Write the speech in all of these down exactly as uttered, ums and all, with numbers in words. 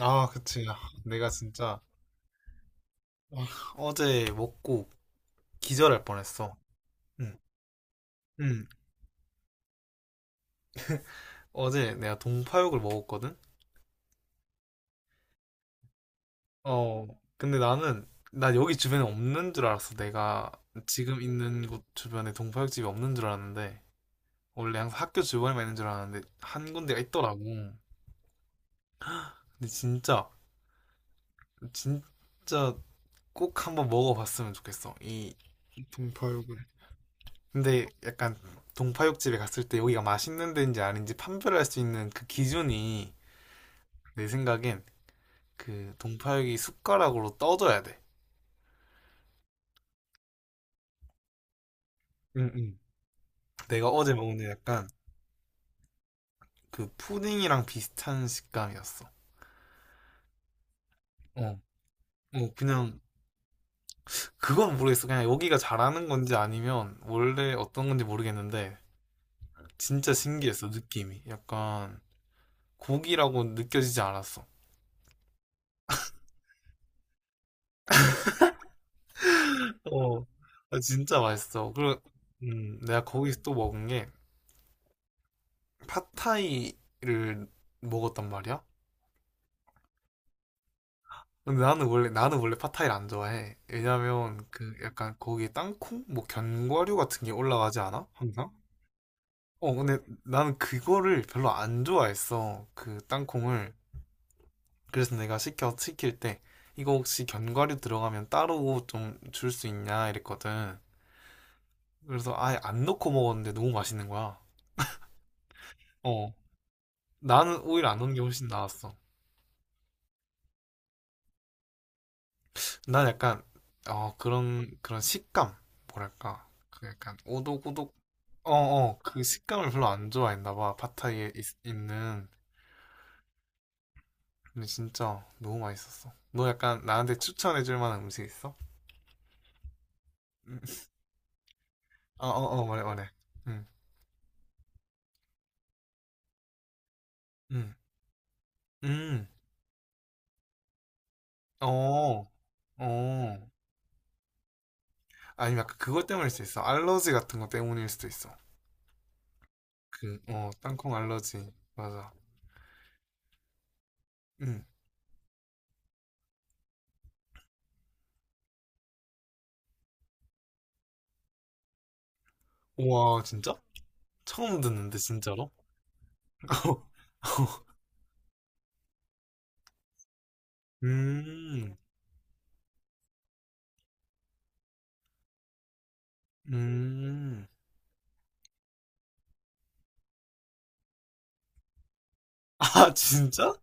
아, 그치. 아, 내가 진짜, 아, 어제 먹고 기절할 뻔했어. 응, 응. 어제 내가 동파육을 먹었거든? 어, 근데 나는, 나 여기 주변에 없는 줄 알았어. 내가 지금 있는 곳 주변에 동파육집이 없는 줄 알았는데, 원래 항상 학교 주변에만 있는 줄 알았는데, 한 군데가 있더라고. 근데 진짜, 진짜 꼭 한번 먹어봤으면 좋겠어. 이 동파육을. 근데 약간 동파육집에 갔을 때 여기가 맛있는 데인지 아닌지 판별할 수 있는 그 기준이 내 생각엔 그 동파육이 숟가락으로 떠져야 돼. 응, 응. 내가 어제 먹은 게 약간 그 푸딩이랑 비슷한 식감이었어. 어. 뭐 그냥 그건 모르겠어. 그냥 여기가 잘하는 건지 아니면 원래 어떤 건지 모르겠는데 진짜 신기했어, 느낌이. 약간 고기라고 느껴지지 않았어. 어. 아, 진짜 맛있어. 그리고 음, 내가 거기서 또 먹은 게 팟타이를 먹었단 말이야. 근데 나는 원래 나는 원래 팟타이를 안 좋아해. 왜냐면 그 약간 거기에 땅콩 뭐 견과류 같은 게 올라가지 않아? 항상? 어 근데 나는 그거를 별로 안 좋아했어. 그 땅콩을. 그래서 내가 시켜 시킬 때 이거 혹시 견과류 들어가면 따로 좀 줄 수 있냐 이랬거든. 그래서 아예 안 넣고 먹었는데 너무 맛있는 거야. 어. 나는 오히려 안 넣는 게 훨씬 나았어. 난 약간 어 그런 그런 식감, 뭐랄까 그 약간 오독오독, 어 어 그 식감을 별로 안 좋아했나 봐, 파타이에 있, 는. 근데 진짜 너무 맛있었어. 너 약간 나한테 추천해줄 만한 음식 있어? 어어어 말해 말해. 응, 응, 음, 어, 어. 아니면 약간 그것 때문일 수도 있어. 알러지 같은 거 때문일 수도 있어. 그 어 땅콩 알러지 맞아. 응. 우와, 진짜? 처음 듣는데, 진짜로? 음, 음. 아, 진짜?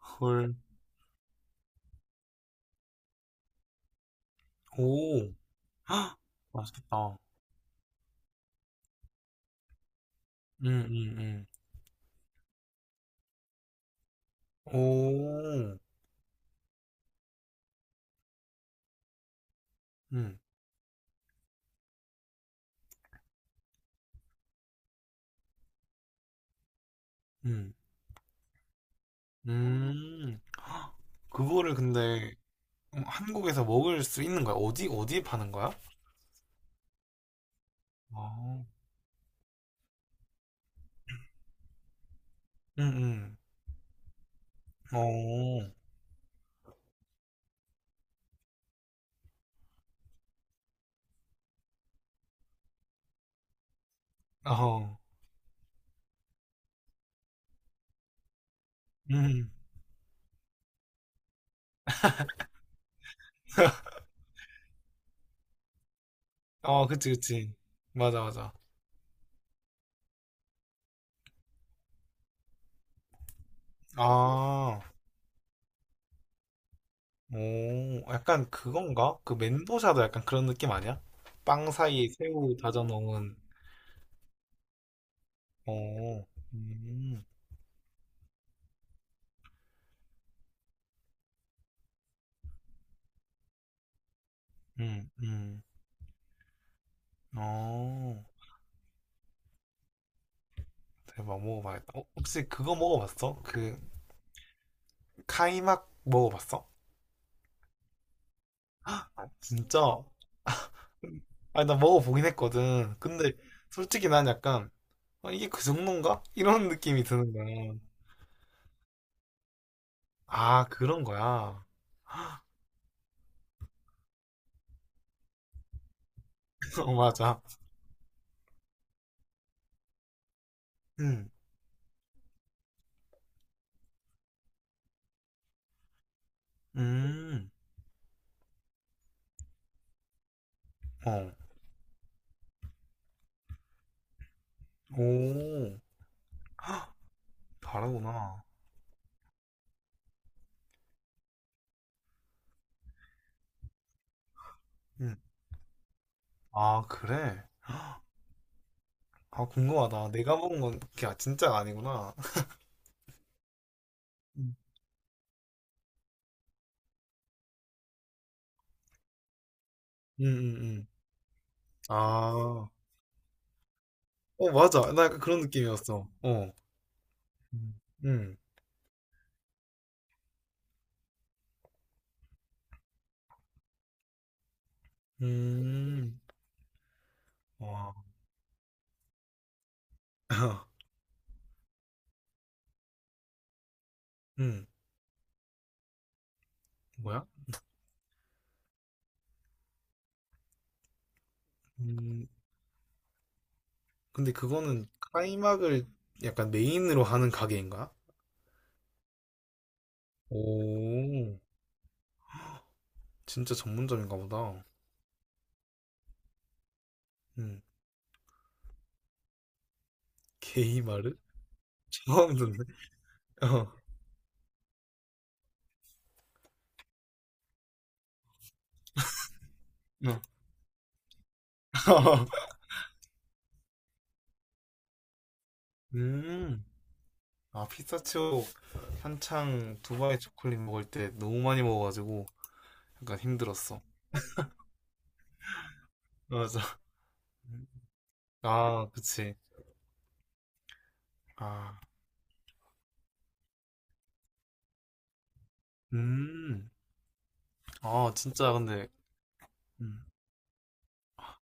헐. 오. 헉, 맛있겠다. 음음음. 오. 음. 음. 음. 헉, 그거를 근데 음, 한국에서 먹을 수 있는 거야? 어디 어디에 파는 거야? 아. 음, 음. 어. 음, 음. 오, 어. 음. 아, 그치, 그치. 맞아, 맞아. 아, 오, 약간 그건가? 그 멘도샤도 약간 그런 느낌 아니야? 빵 사이에 새우 다져 넣은. 어, 음, 음, 음. 어, 대박, 먹어봐야겠다. 어, 혹시 그거 먹어봤어? 그, 카이막 먹어봤어? 진짜? 아니, 나 먹어보긴 했거든. 근데, 솔직히 난 약간, 어, 이게 그 정도인가? 이런 느낌이 드는 거야. 아, 그런 거야. 어, 맞아. 음, 음, 어, 오, 헉, 다르구나. 음, 아, 그래? 아, 궁금하다. 내가 먹은 건 그게 진짜가 아니구나. 음, 음, 음. 아, 어, 맞아. 나 약간 그런 느낌이었어. 어. 음, 음, 음. 와. 음, 뭐야? 음, 근데 그거는 카이막을 약간 메인으로 하는 가게인가? 오, 진짜 전문점인가 보다. 음, 게이마르? 처음 듣네. 어, 음. 음, 아, 피스타치오. 한창 두바이 초콜릿 먹을 때 너무 많이 먹어가지고 약간 힘들었어. 맞아. 아, 그치. 아. 음. 아, 진짜 근데 음,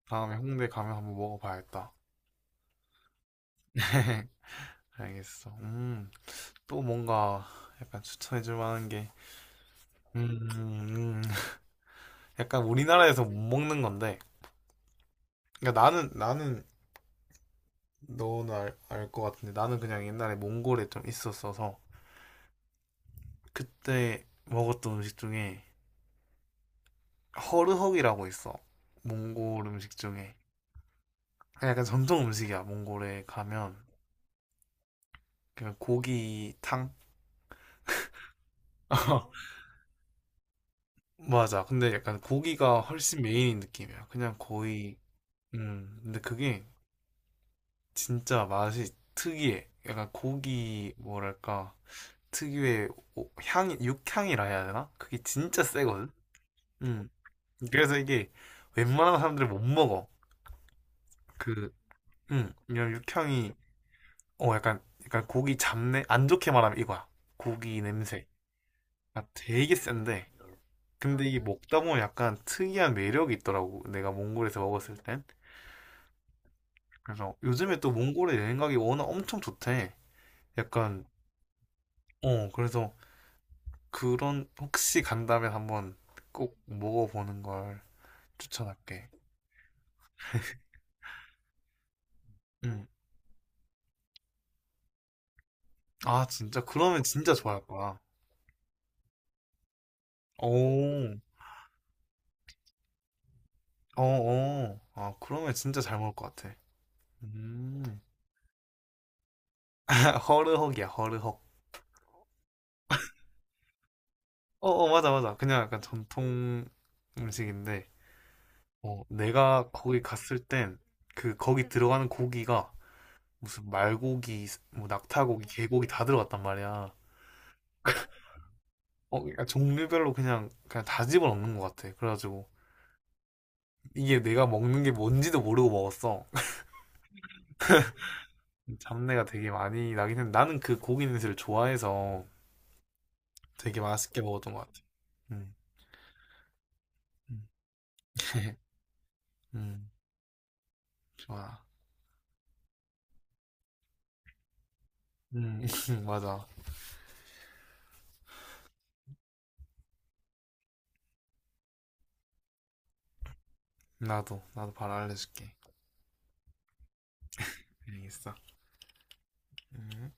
다음에 홍대 가면 한번 먹어봐야겠다. 알겠어. 음. 또 뭔가 약간 추천해 줄 만한 게, 음, 음, 약간 우리나라에서 못 먹는 건데. 그러니까 나는 나는 너는 알, 알 것 같은데 나는 그냥 옛날에 몽골에 좀 있었어서 그때 먹었던 음식 중에 허르헉이라고 있어. 몽골 음식 중에. 약간 전통 음식이야. 몽골에 가면 그냥 고기탕. 맞아. 근데 약간 고기가 훨씬 메인인 느낌이야. 그냥 거의, 음, 근데 그게 진짜 맛이 특이해. 약간 고기, 뭐랄까, 특유의 오- 향이, 육향이라 해야 되나? 그게 진짜 세거든? 음. 그래서 이게 웬만한 사람들이 못 먹어. 그, 음, 이런 육향이, 어, 약간, 약간 고기 잡내? 안 좋게 말하면 이거야. 고기 냄새. 아, 되게 센데. 근데 이게 먹다 보면 약간 특이한 매력이 있더라고. 내가 몽골에서 먹었을 땐. 그래서 요즘에 또 몽골에 여행 가기 워낙 엄청 좋대. 약간, 어, 그래서 그런, 혹시 간다면 한번 꼭 먹어보는 걸 추천할게. 음. 아, 진짜? 그러면 진짜 좋아할 거야. 오, 어, 어. 아, 그러면 진짜 잘 먹을 것 같아. 음. 허르헉이야, 허르헉. 어, 어, 맞아, 맞아. 그냥 약간 전통 음식인데, 어, 내가 거기 갔을 땐 그 거기 들어가는 고기가 무슨 말고기, 뭐 낙타고기, 개고기 다 들어갔단 말이야. 어, 그러니까 종류별로 그냥 그냥 다 집어넣는 것 같아. 그래가지고 이게 내가 먹는 게 뭔지도 모르고 먹었어. 잡내가 되게 많이 나긴 했는데 나는 그 고기 냄새를 좋아해서 되게 맛있게 먹었던 것 같아. 음, 음, 음, 좋아. 음, 맞아. 나도 나도 바로 알려줄게. 알겠어. 음.